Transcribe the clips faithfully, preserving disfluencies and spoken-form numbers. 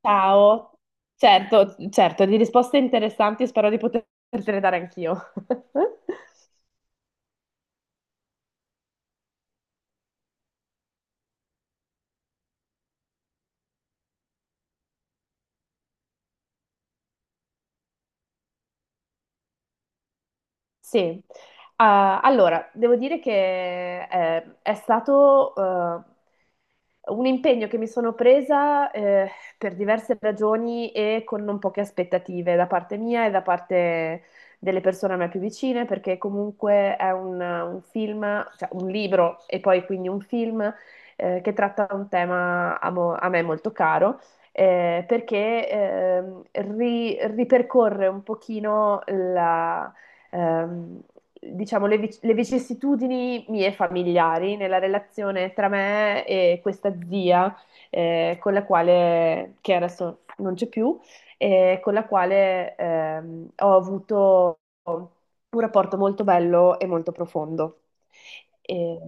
Ciao. Certo, certo, di risposte interessanti, spero di potertele dare anch'io. Sì, Eh, allora devo dire che eh, è stato eh, un impegno che mi sono presa eh, per diverse ragioni e con non poche aspettative da parte mia e da parte delle persone a me più vicine, perché comunque è un, un film, cioè un libro e poi quindi un film eh, che tratta un tema a, mo- a me molto caro. Eh, perché ehm, ri- ripercorre un pochino ehm, diciamo, le, vic- le vicissitudini mie familiari nella relazione tra me e questa zia, eh, con la quale, che adesso non c'è più, e con la quale ehm, ho avuto un rapporto molto bello e molto profondo. E-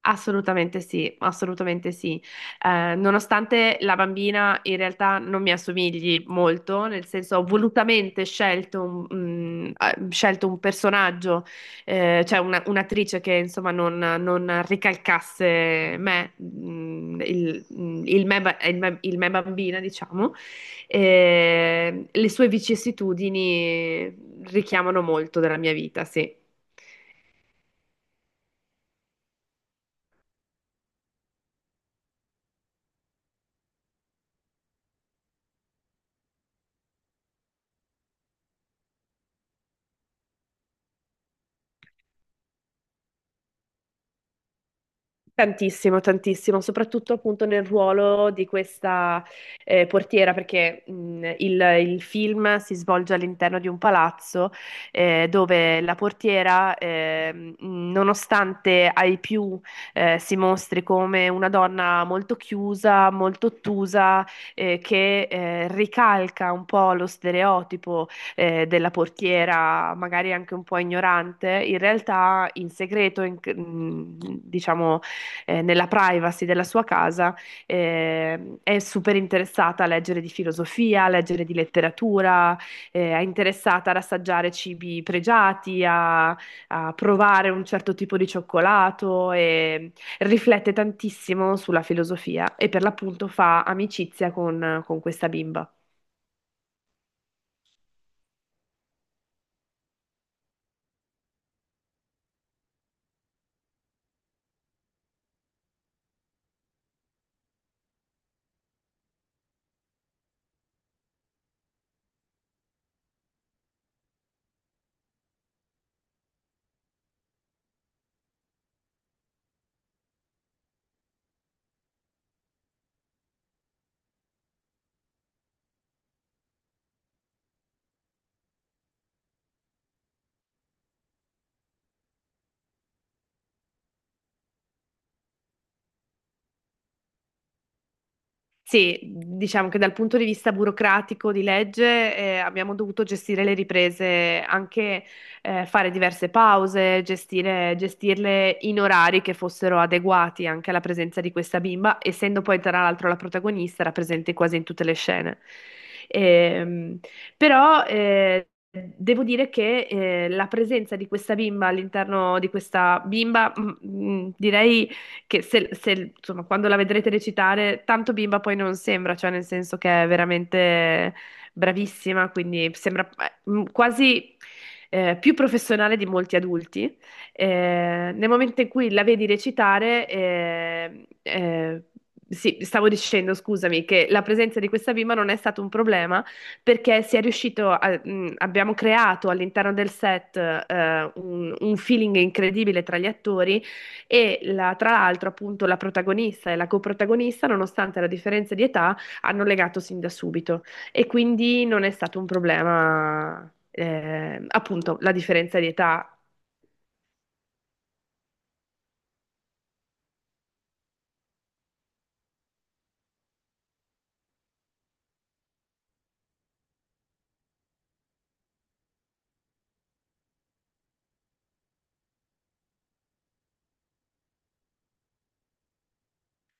Assolutamente sì, assolutamente sì. Eh, nonostante la bambina in realtà non mi assomigli molto, nel senso ho volutamente scelto un, mm, eh, scelto un personaggio, eh, cioè una- un'attrice che insomma non, non ricalcasse me, mm, il, mm, il me, ba- il me- il me bambina, diciamo. Eh, le sue vicissitudini richiamano molto della mia vita, sì. Tantissimo, tantissimo, soprattutto appunto nel ruolo di questa eh, portiera, perché mh, il, il film si svolge all'interno di un palazzo eh, dove la portiera, ehm, nonostante ai più eh, si mostri come una donna molto chiusa, molto ottusa, eh, che eh, ricalca un po' lo stereotipo eh, della portiera, magari anche un po' ignorante, in realtà in segreto, in- mh, diciamo eh, nella privacy della sua casa, eh, è super interessata a leggere di filosofia, a leggere di letteratura, eh, è interessata ad assaggiare cibi pregiati, a, a provare un certo tipo di cioccolato e riflette tantissimo sulla filosofia e per l'appunto fa amicizia con con questa bimba. Sì, diciamo che dal punto di vista burocratico di legge eh, abbiamo dovuto gestire le riprese, anche eh, fare diverse pause, gestire- gestirle in orari che fossero adeguati anche alla presenza di questa bimba, essendo poi tra l'altro la protagonista, era presente quasi in tutte le scene. Ehm, però eh, devo dire che eh, la presenza di questa bimba all'interno di questa bimba, mm, mm, direi che se, se, insomma, quando la vedrete recitare, tanto bimba poi non sembra, cioè nel senso che è veramente bravissima, quindi sembra eh, m- quasi eh, più professionale di molti adulti. Eh, nel momento in cui la vedi recitare, eh, eh, sì, stavo dicendo, scusami, che la presenza di questa bimba non è stato un problema perché si è riuscito a- mh, abbiamo creato all'interno del set eh, un un feeling incredibile tra gli attori e la- tra l'altro, appunto, la protagonista e la coprotagonista, nonostante la differenza di età, hanno legato sin da subito e quindi non è stato un problema, eh, appunto, la differenza di età.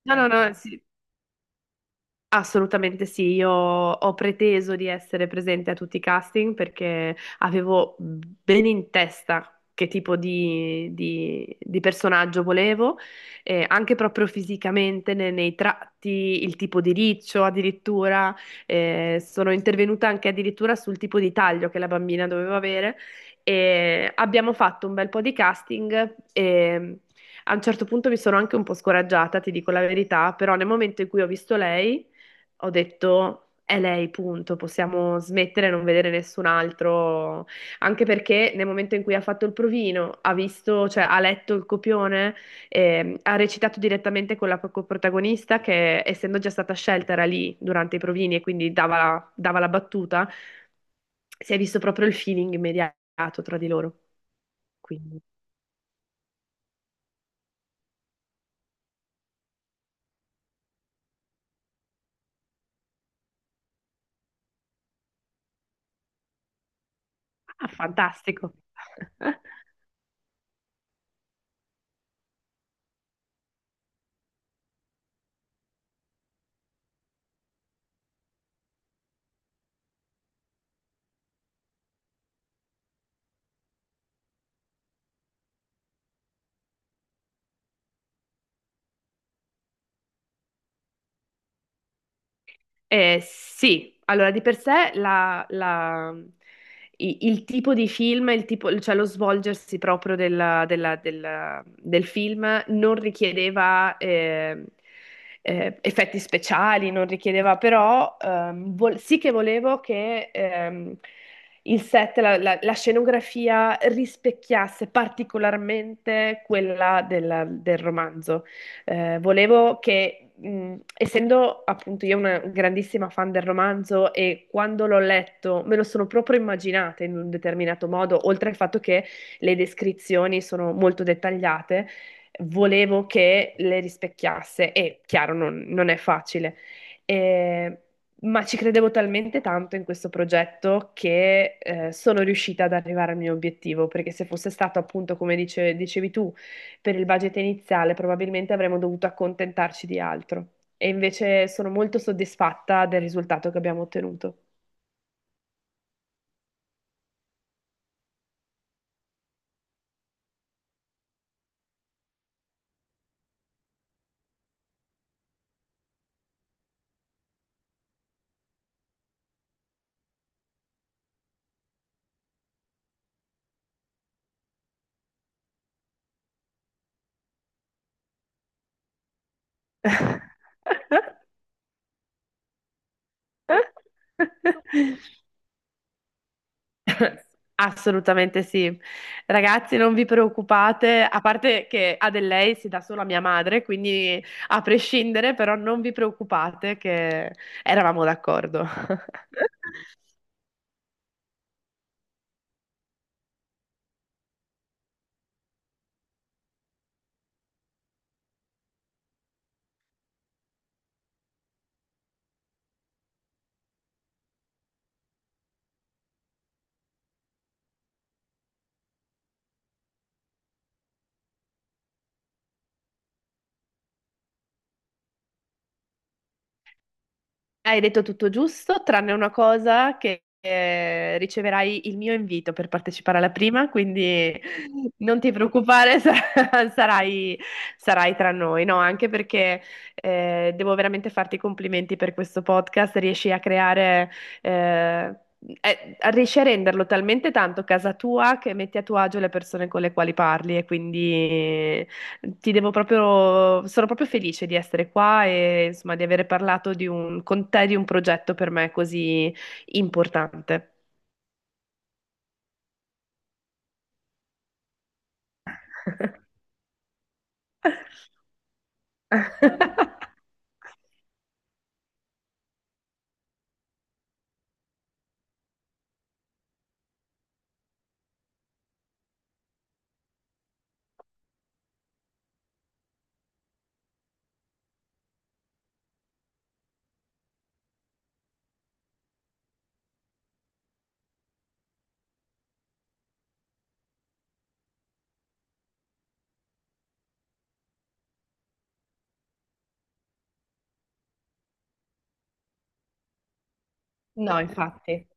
No, no, no, sì, assolutamente sì, io ho preteso di essere presente a tutti i casting perché avevo bene in testa che tipo di, di- di personaggio volevo, eh, anche proprio fisicamente, ne- nei tratti, il tipo di riccio addirittura, eh, sono intervenuta anche addirittura sul tipo di taglio che la bambina doveva avere e abbiamo fatto un bel po' di casting e mm, a un certo punto mi sono anche un po' scoraggiata, ti dico la verità, però nel momento in cui ho visto lei ho detto è lei, punto, possiamo smettere e non vedere nessun altro, anche perché nel momento in cui ha fatto il provino, ha visto, cioè ha letto il copione, ehm, ha recitato direttamente con la protagonista che essendo già stata scelta era lì durante i provini e quindi dava la, dava la battuta, si è visto proprio il feeling immediato tra di loro. Quindi, ah, fantastico. Eh, sì, allora di per sé la- la- i- il tipo di film, il tipo- cioè lo svolgersi proprio della- della- del, del film non richiedeva eh, eh, effetti speciali, non richiedeva però, ehm, vol- sì che volevo che ehm, il set, la, la- la scenografia rispecchiasse particolarmente quella della- del romanzo. Eh, volevo che, mh, essendo appunto io una grandissima fan del romanzo e quando l'ho letto me lo sono proprio immaginata in un determinato modo, oltre al fatto che le descrizioni sono molto dettagliate, volevo che le rispecchiasse e chiaro, non, non è facile. Eh, Ma ci credevo talmente tanto in questo progetto che eh, sono riuscita ad arrivare al mio obiettivo, perché se fosse stato appunto, come dice- dicevi tu, per il budget iniziale probabilmente avremmo dovuto accontentarci di altro. E invece sono molto soddisfatta del risultato che abbiamo ottenuto. Assolutamente sì. Ragazzi, non vi preoccupate, a parte che a del lei si dà solo a mia madre, quindi a prescindere, però non vi preoccupate che eravamo d'accordo. Hai detto tutto giusto, tranne una cosa che eh, riceverai il mio invito per partecipare alla prima, quindi non ti preoccupare, sar- sarai, sarai tra noi, no? Anche perché eh, devo veramente farti i complimenti per questo podcast, riesci a creare, eh, eh, riesci a renderlo talmente tanto casa tua che metti a tuo agio le persone con le quali parli e quindi ti devo proprio, sono proprio felice di essere qua e insomma di aver parlato di un, con te di un progetto per me così importante. No, infatti.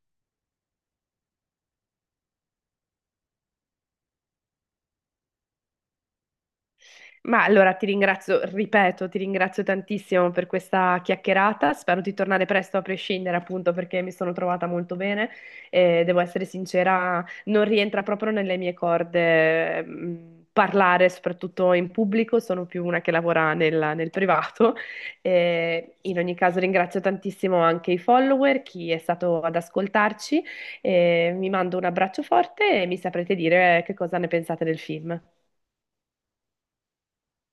Ma allora ti ringrazio, ripeto, ti ringrazio tantissimo per questa chiacchierata. Spero di tornare presto a prescindere, appunto, perché mi sono trovata molto bene e devo essere sincera, non rientra proprio nelle mie corde, mh, parlare soprattutto in pubblico, sono più una che lavora nel, nel privato. E in ogni caso ringrazio tantissimo anche i follower, chi è stato ad ascoltarci. E mi mando un abbraccio forte e mi saprete dire che cosa ne pensate del film.